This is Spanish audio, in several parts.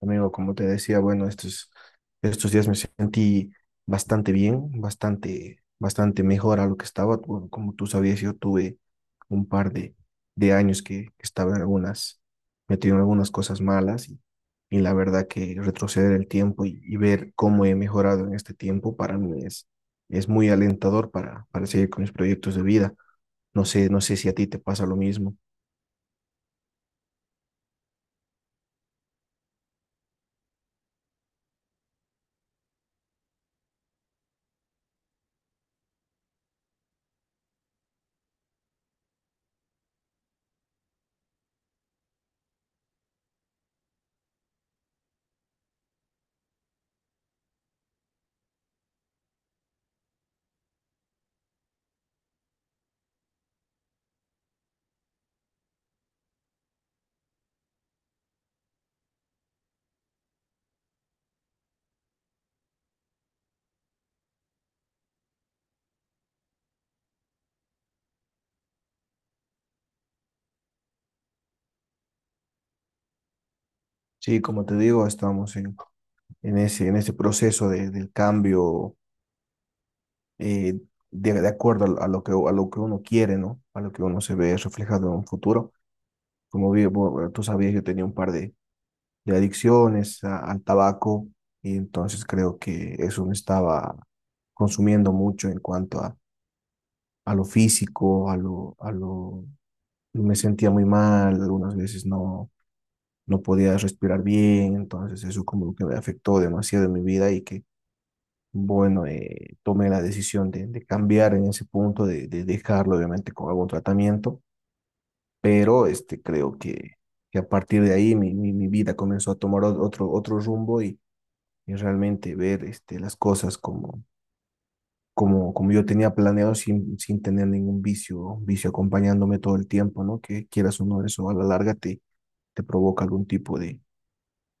Amigo, como te decía, bueno, estos días me sentí bastante bien, bastante mejor a lo que estaba. Bueno, como tú sabías, yo tuve un par de años que estaba en algunas, metido en algunas cosas malas y la verdad que retroceder el tiempo y ver cómo he mejorado en este tiempo para mí es muy alentador para seguir con mis proyectos de vida. No sé, no sé si a ti te pasa lo mismo. Sí, como te digo, estamos en ese proceso de, del cambio eh, de acuerdo a lo que a lo que uno quiere, ¿no? A lo que uno se ve reflejado en un futuro. Como tú sabías, yo tenía un par de adicciones al tabaco y entonces creo que eso me estaba consumiendo mucho en cuanto a lo físico, a lo... Me sentía muy mal, algunas veces no podía respirar bien, entonces eso como que me afectó demasiado en mi vida y que bueno, tomé la decisión de cambiar en ese punto, de dejarlo obviamente con algún tratamiento, pero este, creo que a partir de ahí mi vida comenzó a tomar otro rumbo y realmente ver este, las cosas como yo tenía planeado sin tener ningún vicio, vicio acompañándome todo el tiempo, ¿no? Que quieras o no, eso a la larga te provoca algún tipo de,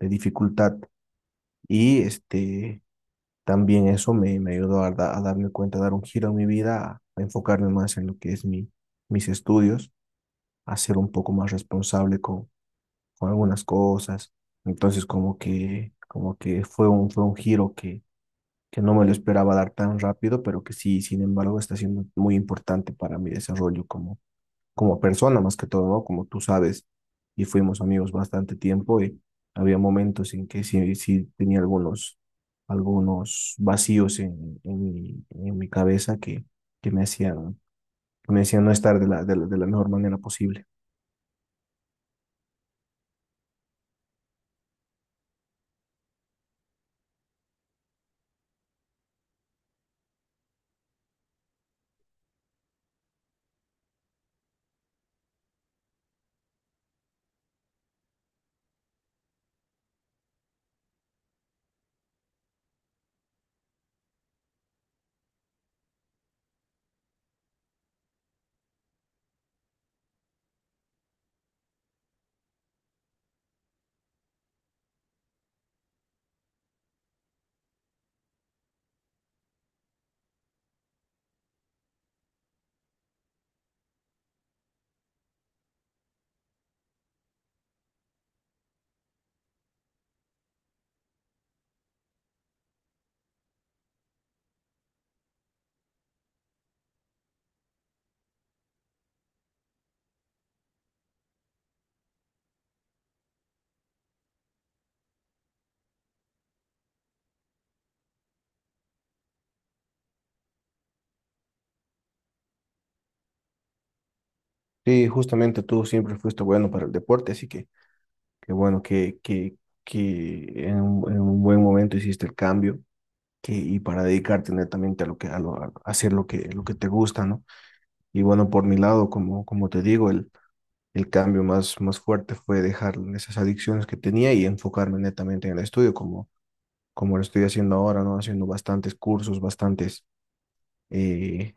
de dificultad. Y este, también eso me ayudó a darme cuenta, a dar un giro a mi vida, a enfocarme más en lo que es mis estudios, a ser un poco más responsable con algunas cosas. Entonces, como que fue un giro que no me lo esperaba dar tan rápido, pero que sí, sin embargo, está siendo muy importante para mi desarrollo como persona más que todo, ¿no? Como tú sabes, y fuimos amigos bastante tiempo y había momentos en que sí tenía algunos vacíos en mi cabeza que me hacían, que me hacían no estar de la, de la, de la mejor manera posible. Sí, justamente tú siempre fuiste bueno para el deporte, así que qué bueno que en un buen momento hiciste el cambio que, y para dedicarte netamente a lo que a hacer lo que te gusta, ¿no? Y bueno, por mi lado, como te digo, el cambio más fuerte fue dejar esas adicciones que tenía y enfocarme netamente en el estudio, como lo estoy haciendo ahora, ¿no? Haciendo bastantes cursos, bastantes eh,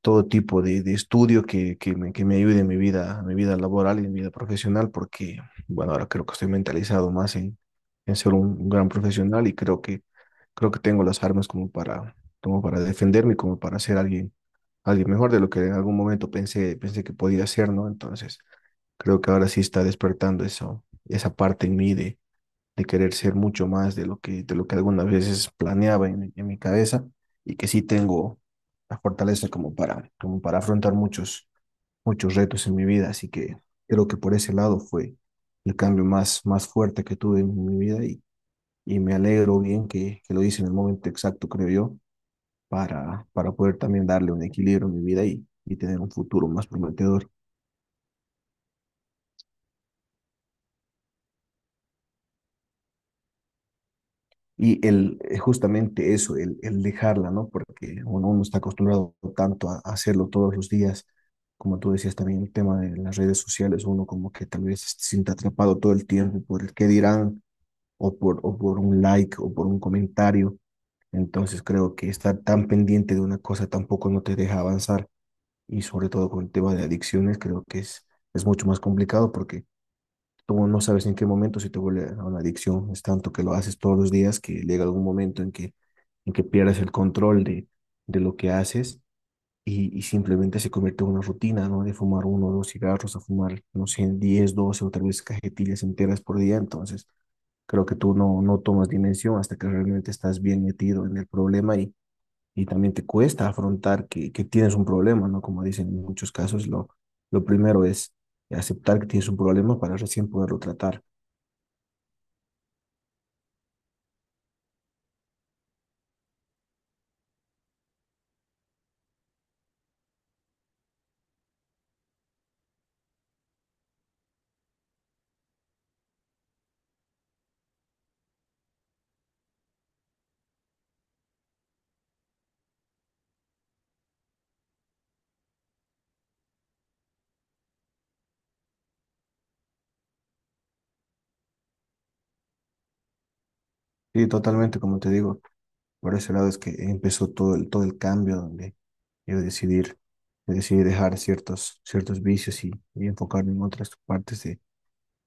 todo tipo de estudio que me ayude en mi vida laboral y en mi vida profesional, porque, bueno, ahora creo que estoy mentalizado más en ser un gran profesional y creo que tengo las armas como para, como para defenderme, como para ser alguien, alguien mejor de lo que en algún momento pensé que podía ser, ¿no? Entonces, creo que ahora sí está despertando eso, esa parte en mí de querer ser mucho más de lo que algunas veces planeaba en, en mi cabeza y que sí tengo la fortaleza como para, como para afrontar muchos retos en mi vida. Así que creo que por ese lado fue el cambio más fuerte que tuve en mi vida y me alegro bien que lo hice en el momento exacto, creo yo, para poder también darle un equilibrio a mi vida y tener un futuro más prometedor. Y el, justamente eso, el dejarla, ¿no? Porque uno está acostumbrado tanto a hacerlo todos los días, como tú decías también, el tema de las redes sociales, uno como que tal vez se siente atrapado todo el tiempo por el qué dirán, o por un like, o por un comentario. Entonces creo que estar tan pendiente de una cosa tampoco no te deja avanzar, y sobre todo con el tema de adicciones, creo que es mucho más complicado porque tú no sabes en qué momento se te vuelve a una adicción. Es tanto que lo haces todos los días que llega algún momento en que pierdes el control de lo que haces y simplemente se convierte en una rutina, ¿no? De fumar uno o dos cigarros a fumar, no sé, 10 12 o tal vez cajetillas enteras por día. Entonces, creo que tú no, no tomas dimensión hasta que realmente estás bien metido en el problema y también te cuesta afrontar que tienes un problema, ¿no? Como dicen en muchos casos, lo primero es aceptar que tienes un problema para recién poderlo tratar. Sí, totalmente, como te digo, por ese lado es que empezó todo el cambio donde yo decidí dejar ciertos vicios y enfocarme en otras partes de,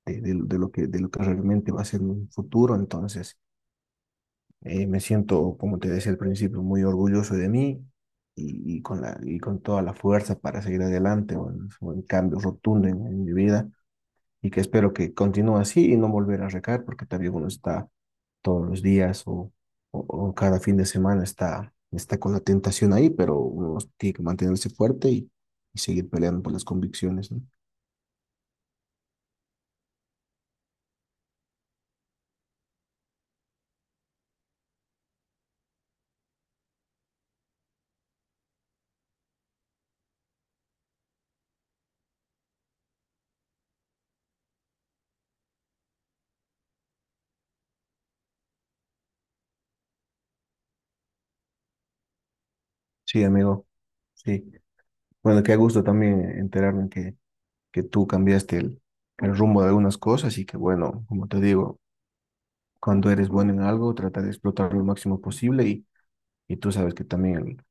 de, de lo de lo que, de lo que realmente va a ser un futuro. Entonces, me siento, como te decía al principio, muy orgulloso de mí y con la con toda la fuerza para seguir adelante, o en cambio rotundo en mi vida y que espero que continúe así y no volver a recaer porque también uno está todos los días o, o cada fin de semana está con la tentación ahí, pero uno tiene que mantenerse fuerte y seguir peleando por las convicciones, ¿no? Sí, amigo, sí. Bueno, qué gusto también enterarme que tú cambiaste el rumbo de algunas cosas y que, bueno, como te digo, cuando eres bueno en algo, trata de explotarlo lo máximo posible y Y tú sabes que también el-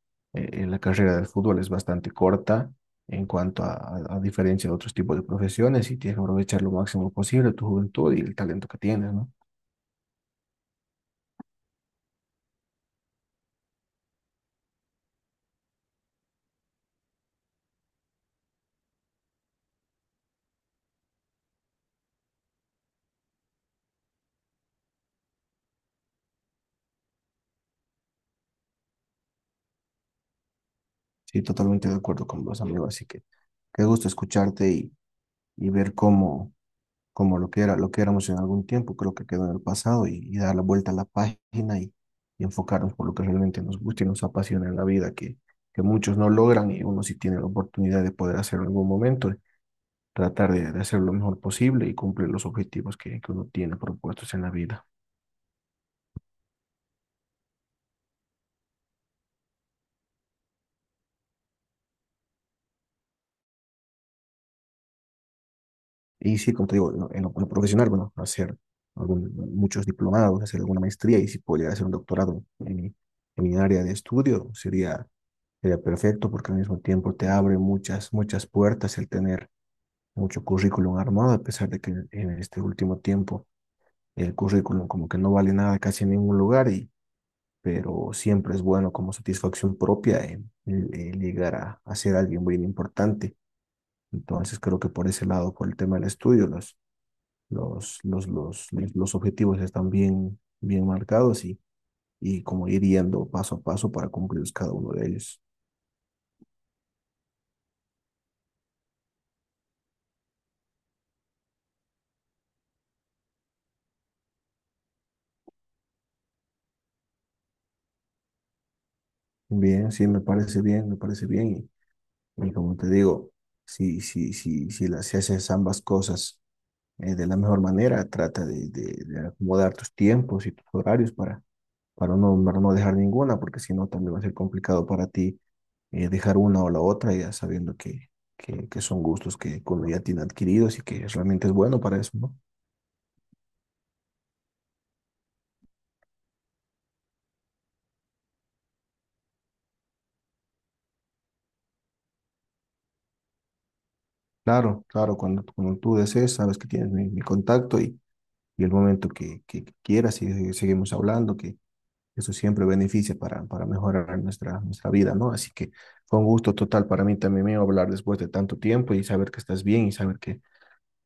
eh, eh, la carrera del fútbol es bastante corta en cuanto a diferencia de otros tipos de profesiones y tienes que aprovechar lo máximo posible tu juventud y el talento que tienes, ¿no? Sí, totalmente de acuerdo con vos, amigo. Así que qué gusto escucharte y ver cómo lo que era, lo que éramos en algún tiempo, creo que quedó en el pasado y dar la vuelta a la página y enfocarnos por lo que realmente nos gusta y nos apasiona en la vida, que muchos no logran y uno sí tiene la oportunidad de poder hacerlo en algún momento tratar de hacer lo mejor posible y cumplir los objetivos que uno tiene propuestos en la vida. Y sí, como te digo, en lo, profesional, bueno, hacer muchos diplomados, hacer alguna maestría y si pudiera hacer un doctorado en mi área de estudio, sería perfecto porque al mismo tiempo te abre muchas puertas el tener mucho currículum armado, a pesar de que en este último tiempo el currículum como que no vale nada casi en ningún lugar y pero siempre es bueno como satisfacción propia llegar a ser alguien muy importante. Entonces creo que por ese lado, por el tema del estudio, los objetivos están bien marcados y como ir yendo paso a paso para cumplir cada uno de ellos. Bien, sí, me parece bien, me parece bien. Y como te digo, si haces ambas cosas de la mejor manera, trata de acomodar tus tiempos y tus horarios para para no dejar ninguna, porque si no también va a ser complicado para ti dejar una o la otra, ya sabiendo que son gustos que uno ya tiene adquiridos y que realmente es bueno para eso, ¿no? Claro, claro, cuando tú desees, sabes que tienes mi contacto y el momento que quieras y seguimos hablando, que eso siempre beneficia para mejorar nuestra vida, ¿no? Así que fue un gusto total para mí también mío hablar después de tanto tiempo y saber que estás bien y saber que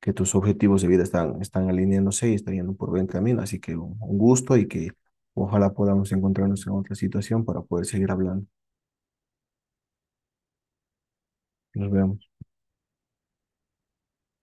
que tus objetivos de vida están, están alineándose y están yendo por buen camino. Así que un gusto y que ojalá podamos encontrarnos en otra situación para poder seguir hablando. Nos vemos.